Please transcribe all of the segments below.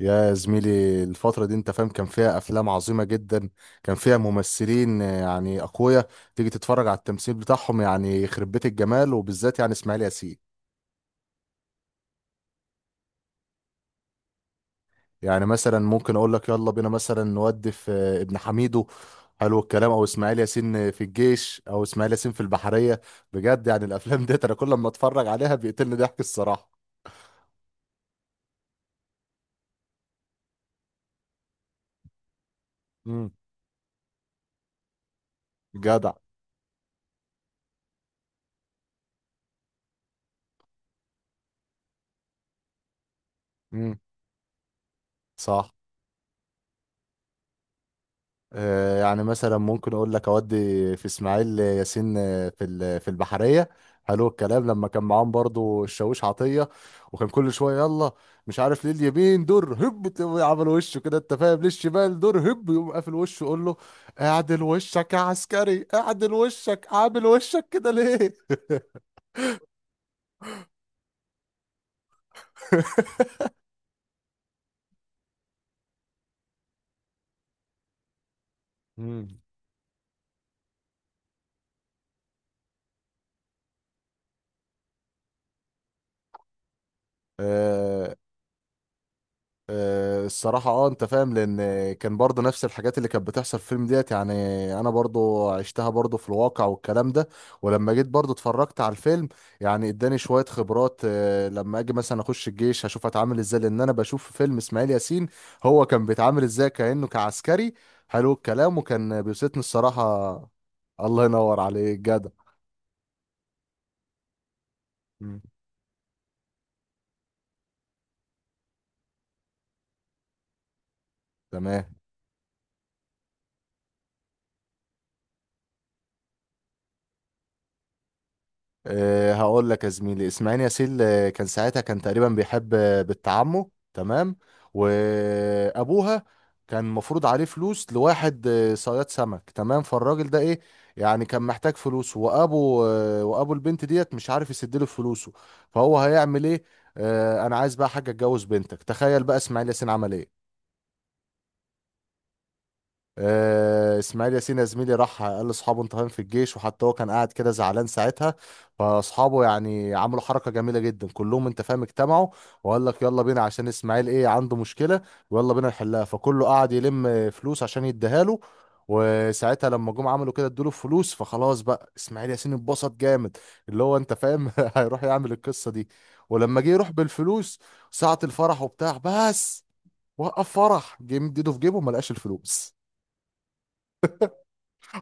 يا زميلي الفترة دي، انت فاهم، كان فيها افلام عظيمة جدا. كان فيها ممثلين يعني اقوياء. تيجي تتفرج على التمثيل بتاعهم، يعني يخرب بيت الجمال، وبالذات يعني اسماعيل ياسين. يعني مثلا ممكن اقول لك يلا بينا مثلا نودي في ابن حميدو. حلو الكلام. او اسماعيل ياسين في الجيش، او اسماعيل ياسين في البحرية. بجد يعني الافلام ديت انا كل ما اتفرج عليها بيقتلني ضحك الصراحة. امم جدع. امم صح. يعني مثلا ممكن اقول لك اودي في اسماعيل ياسين، في في البحريه. حلو الكلام. لما كان معاهم برضو الشاويش عطيه، وكان كل شويه يلا، مش عارف ليه اليمين دور هب تقوم عمل وشه كده، انت فاهم، ليه الشمال دور هب يقوم قافل وشه يقول له اعدل وشك يا عسكري، اعدل وشك، عامل وشك كده ليه؟ مم. الصراحة اه، انت فاهم، لان كان برضه نفس الحاجات اللي كانت بتحصل في الفيلم ديت يعني. انا برضه عشتها برضه في الواقع والكلام ده، ولما جيت برضه اتفرجت على الفيلم، يعني اداني شوية خبرات. لما اجي مثلا اخش الجيش هشوف اتعامل ازاي، لان انا بشوف في فيلم اسماعيل ياسين هو كان بيتعامل ازاي كأنه كعسكري. حلو الكلام. وكان بيوسطني الصراحة. الله ينور عليك، جدع. مم. تمام. أه، هقول لك يا زميلي، اسماعيل ياسين كان ساعتها كان تقريبا بيحب بنت عمه، تمام، وابوها كان مفروض عليه فلوس لواحد صياد سمك، تمام. فالراجل ده ايه، يعني كان محتاج فلوس، وابو آه، وابو البنت ديت مش عارف يسدله فلوسه. فهو هيعمل ايه؟ أه انا عايز بقى حاجه، اتجوز بنتك. تخيل بقى اسماعيل ياسين عمل ايه. اسماعيل ياسين يا زميلي راح قال لاصحابه، انت فاهم، في الجيش، وحتى هو كان قاعد كده زعلان ساعتها. فاصحابه يعني عملوا حركه جميله جدا، كلهم، انت فاهم، اجتمعوا وقال لك يلا بينا عشان اسماعيل ايه عنده مشكله، ويلا بينا نحلها. فكله قعد يلم فلوس عشان يديها له. وساعتها لما جم عملوا كده، ادوا له فلوس. فخلاص بقى اسماعيل ياسين اتبسط جامد، اللي هو انت فاهم هيروح يعمل القصه دي. ولما جه يروح بالفلوس، ساعه الفرح وبتاع، بس وقف فرح، جه مديده في جيبه، ما لقاش الفلوس.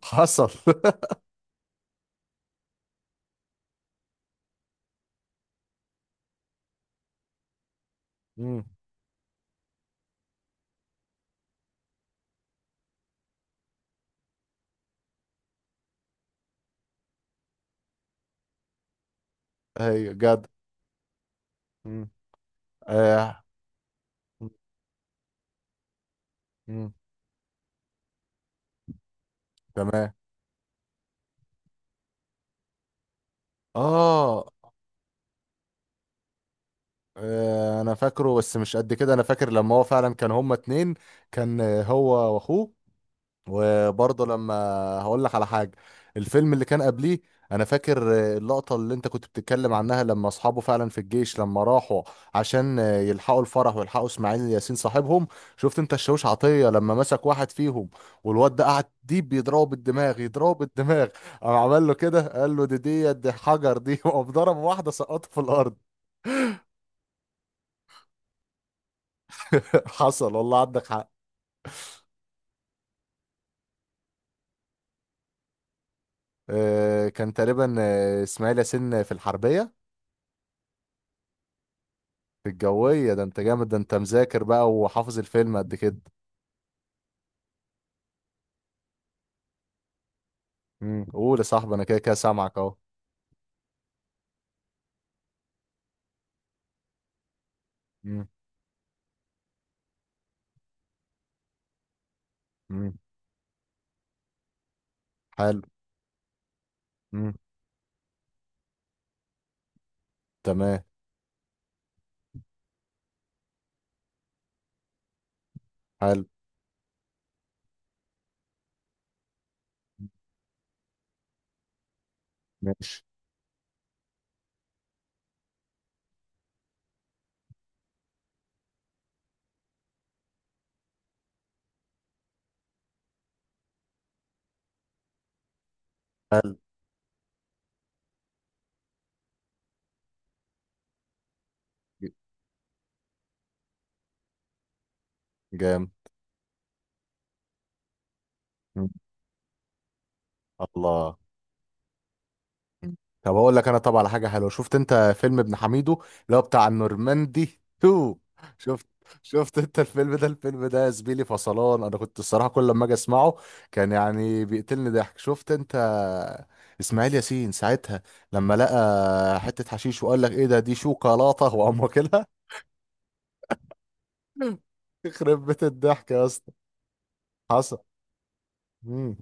حصل مم. ايوه جد. مم. آه. مم. تمام. آه. اه، انا فاكره بس مش قد كده. انا فاكر لما هو فعلا كان هما اتنين. كان هو واخوه. وبرضه لما، هقول لك على حاجه، الفيلم اللي كان قبليه. انا فاكر اللقطه اللي انت كنت بتتكلم عنها لما اصحابه فعلا في الجيش، لما راحوا عشان يلحقوا الفرح ويلحقوا اسماعيل ياسين صاحبهم. شفت انت الشاويش عطيه لما مسك واحد فيهم، والواد ده قعد ديب بيضربه بالدماغ، يضربه بالدماغ. قام عمل له كده، قال له دي دي دي حجر دي وقام ضرب واحده سقطه في الارض. حصل والله، عندك حق. كان تقريبا اسماعيل ياسين في الحربيه. في الجوية. ده انت جامد، ده انت مذاكر بقى وحافظ الفيلم قد كده. مم. قول يا صاحبي، انا كده كده سامعك اهو. مم. مم. حلو. مم. تمام. حلو. ماشي. حلو. جامد. مم. الله. مم. طب اقول لك انا طبعا على حاجه حلوه. شفت انت فيلم ابن حميدو، اللي هو بتاع النورماندي 2؟ شفت؟ شفت انت الفيلم ده؟ الفيلم ده يا زميلي فصلان. انا كنت الصراحه كل لما اجي اسمعه كان يعني بيقتلني ضحك. شفت انت اسماعيل ياسين ساعتها لما لقى حته حشيش وقال لك ايه ده، دي شوكولاته، وقام واكلها؟ يخرب بيت الضحك يا اسطى. حصل. مم.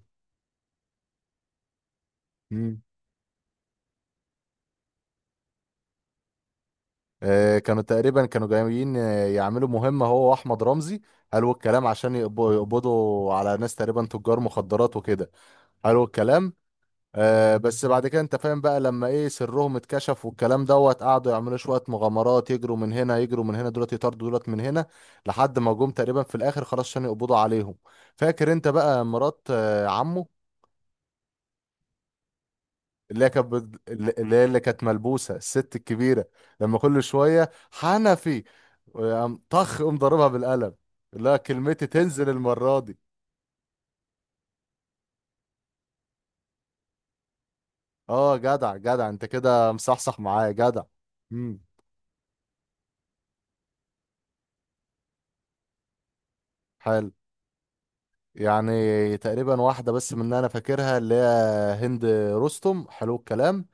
مم. كانوا تقريبا كانوا جايين يعملوا مهمة هو وأحمد رمزي، قالوا الكلام، عشان يقبضوا على ناس تقريبا تجار مخدرات وكده، قالوا الكلام. بس بعد كده، انت فاهم، بقى لما ايه سرهم اتكشف والكلام دوت، قعدوا يعملوا شوية مغامرات، يجروا من هنا، يجروا من هنا دولت، يطاردوا دولت من هنا، لحد ما جم تقريبا في الآخر خلاص عشان يقبضوا عليهم. فاكر انت بقى مرات عمه، اللي هي اللي هي اللي كانت ملبوسه الست الكبيره، لما كل شويه حنفي ويقوم طخ، قوم ضاربها بالقلم، لا كلمتي تنزل المره دي. اه، جدع، جدع، انت كده مصحصح معايا، جدع. امم. حلو. يعني تقريبا واحده بس من اللي انا فاكرها، اللي هي هند رستم. حلو الكلام.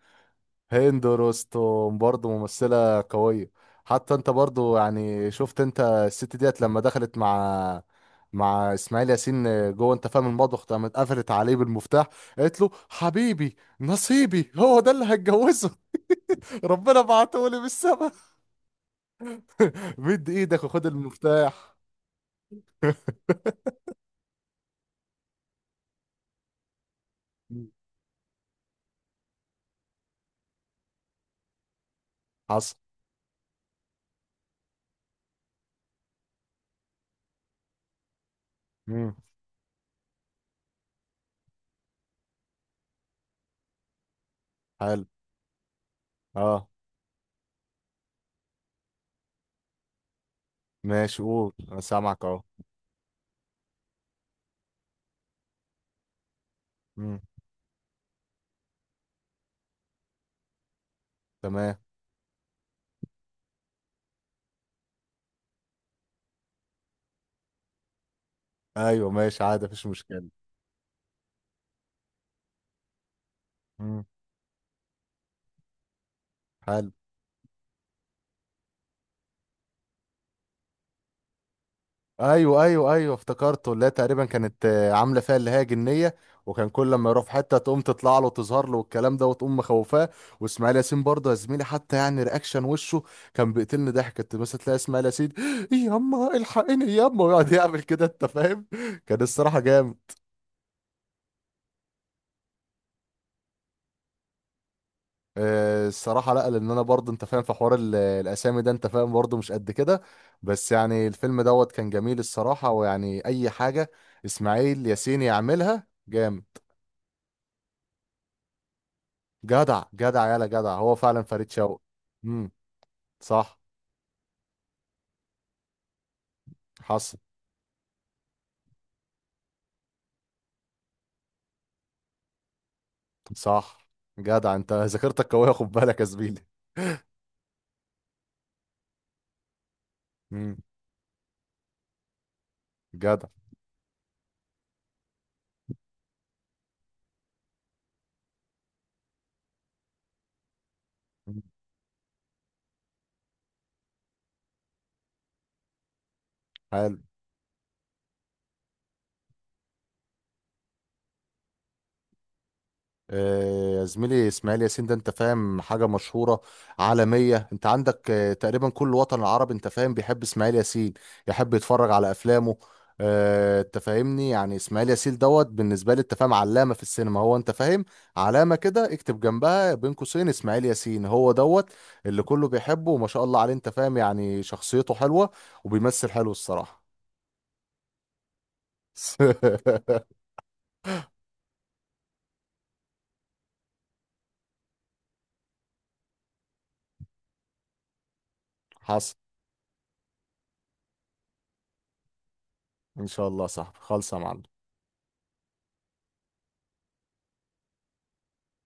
هند رستم برضه ممثلة قوية. حتى انت برضه يعني، شفت انت الست ديت لما دخلت مع اسماعيل ياسين جوه، انت فاهم، المطبخ، قامت قفلت عليه بالمفتاح، قالت له حبيبي نصيبي، هو ده اللي هتجوزه؟ ربنا بعته لي من السما. مد ايدك وخد المفتاح. مم. حصل. مم. حلو. اه، ماشي، قول، انا سامعك اهو. مم. تمام. ايوه، ماشي عادي، مفيش مشكلة. مم. حلو. ايوه ايوه ايوه، افتكرته، اللي هي تقريبا كانت عامله فيها اللي هي جنيه، وكان كل لما يروح في حته تقوم تطلع له وتظهر له والكلام ده، وتقوم مخوفاه. واسماعيل ياسين برضه يا زميلي، حتى يعني رياكشن وشه كان بيقتلني ضحك. كنت مثلا تلاقي اسماعيل ياسين ياما الحقيني ياما، ويقعد يعمل كده، انت فاهم. كان الصراحه جامد. الصراحه لا، لان انا برضه، انت فاهم، في حوار الاسامي ده، انت فاهم، برضه مش قد كده. بس يعني الفيلم دوت كان جميل الصراحه، ويعني اي حاجه اسماعيل ياسين يعملها جامد. جدع جدع، يالا جدع، هو فعلا فريد شوقي. امم. صح. حصل. صح. جدع، انت ذاكرتك قويه، خد بالك يا زميلي. امم. جدع. مم. حلو. يا زميلي اسماعيل ياسين ده، انت فاهم، حاجة مشهورة عالمية. انت عندك تقريبا كل وطن عربي، انت فاهم، بيحب اسماعيل ياسين، يحب يتفرج على افلامه. انت فاهمني، يعني اسماعيل ياسين دوت بالنسبة لي، انت فاهم، علامة في السينما. هو، انت فاهم، علامة، كده اكتب جنبها بين قوسين اسماعيل ياسين، هو دوت اللي كله بيحبه. وما شاء الله عليه، انت فاهم، يعني شخصيته حلوة، وبيمثل حلو الصراحة. حصل. ان شاء الله. صح خالص يا معلم.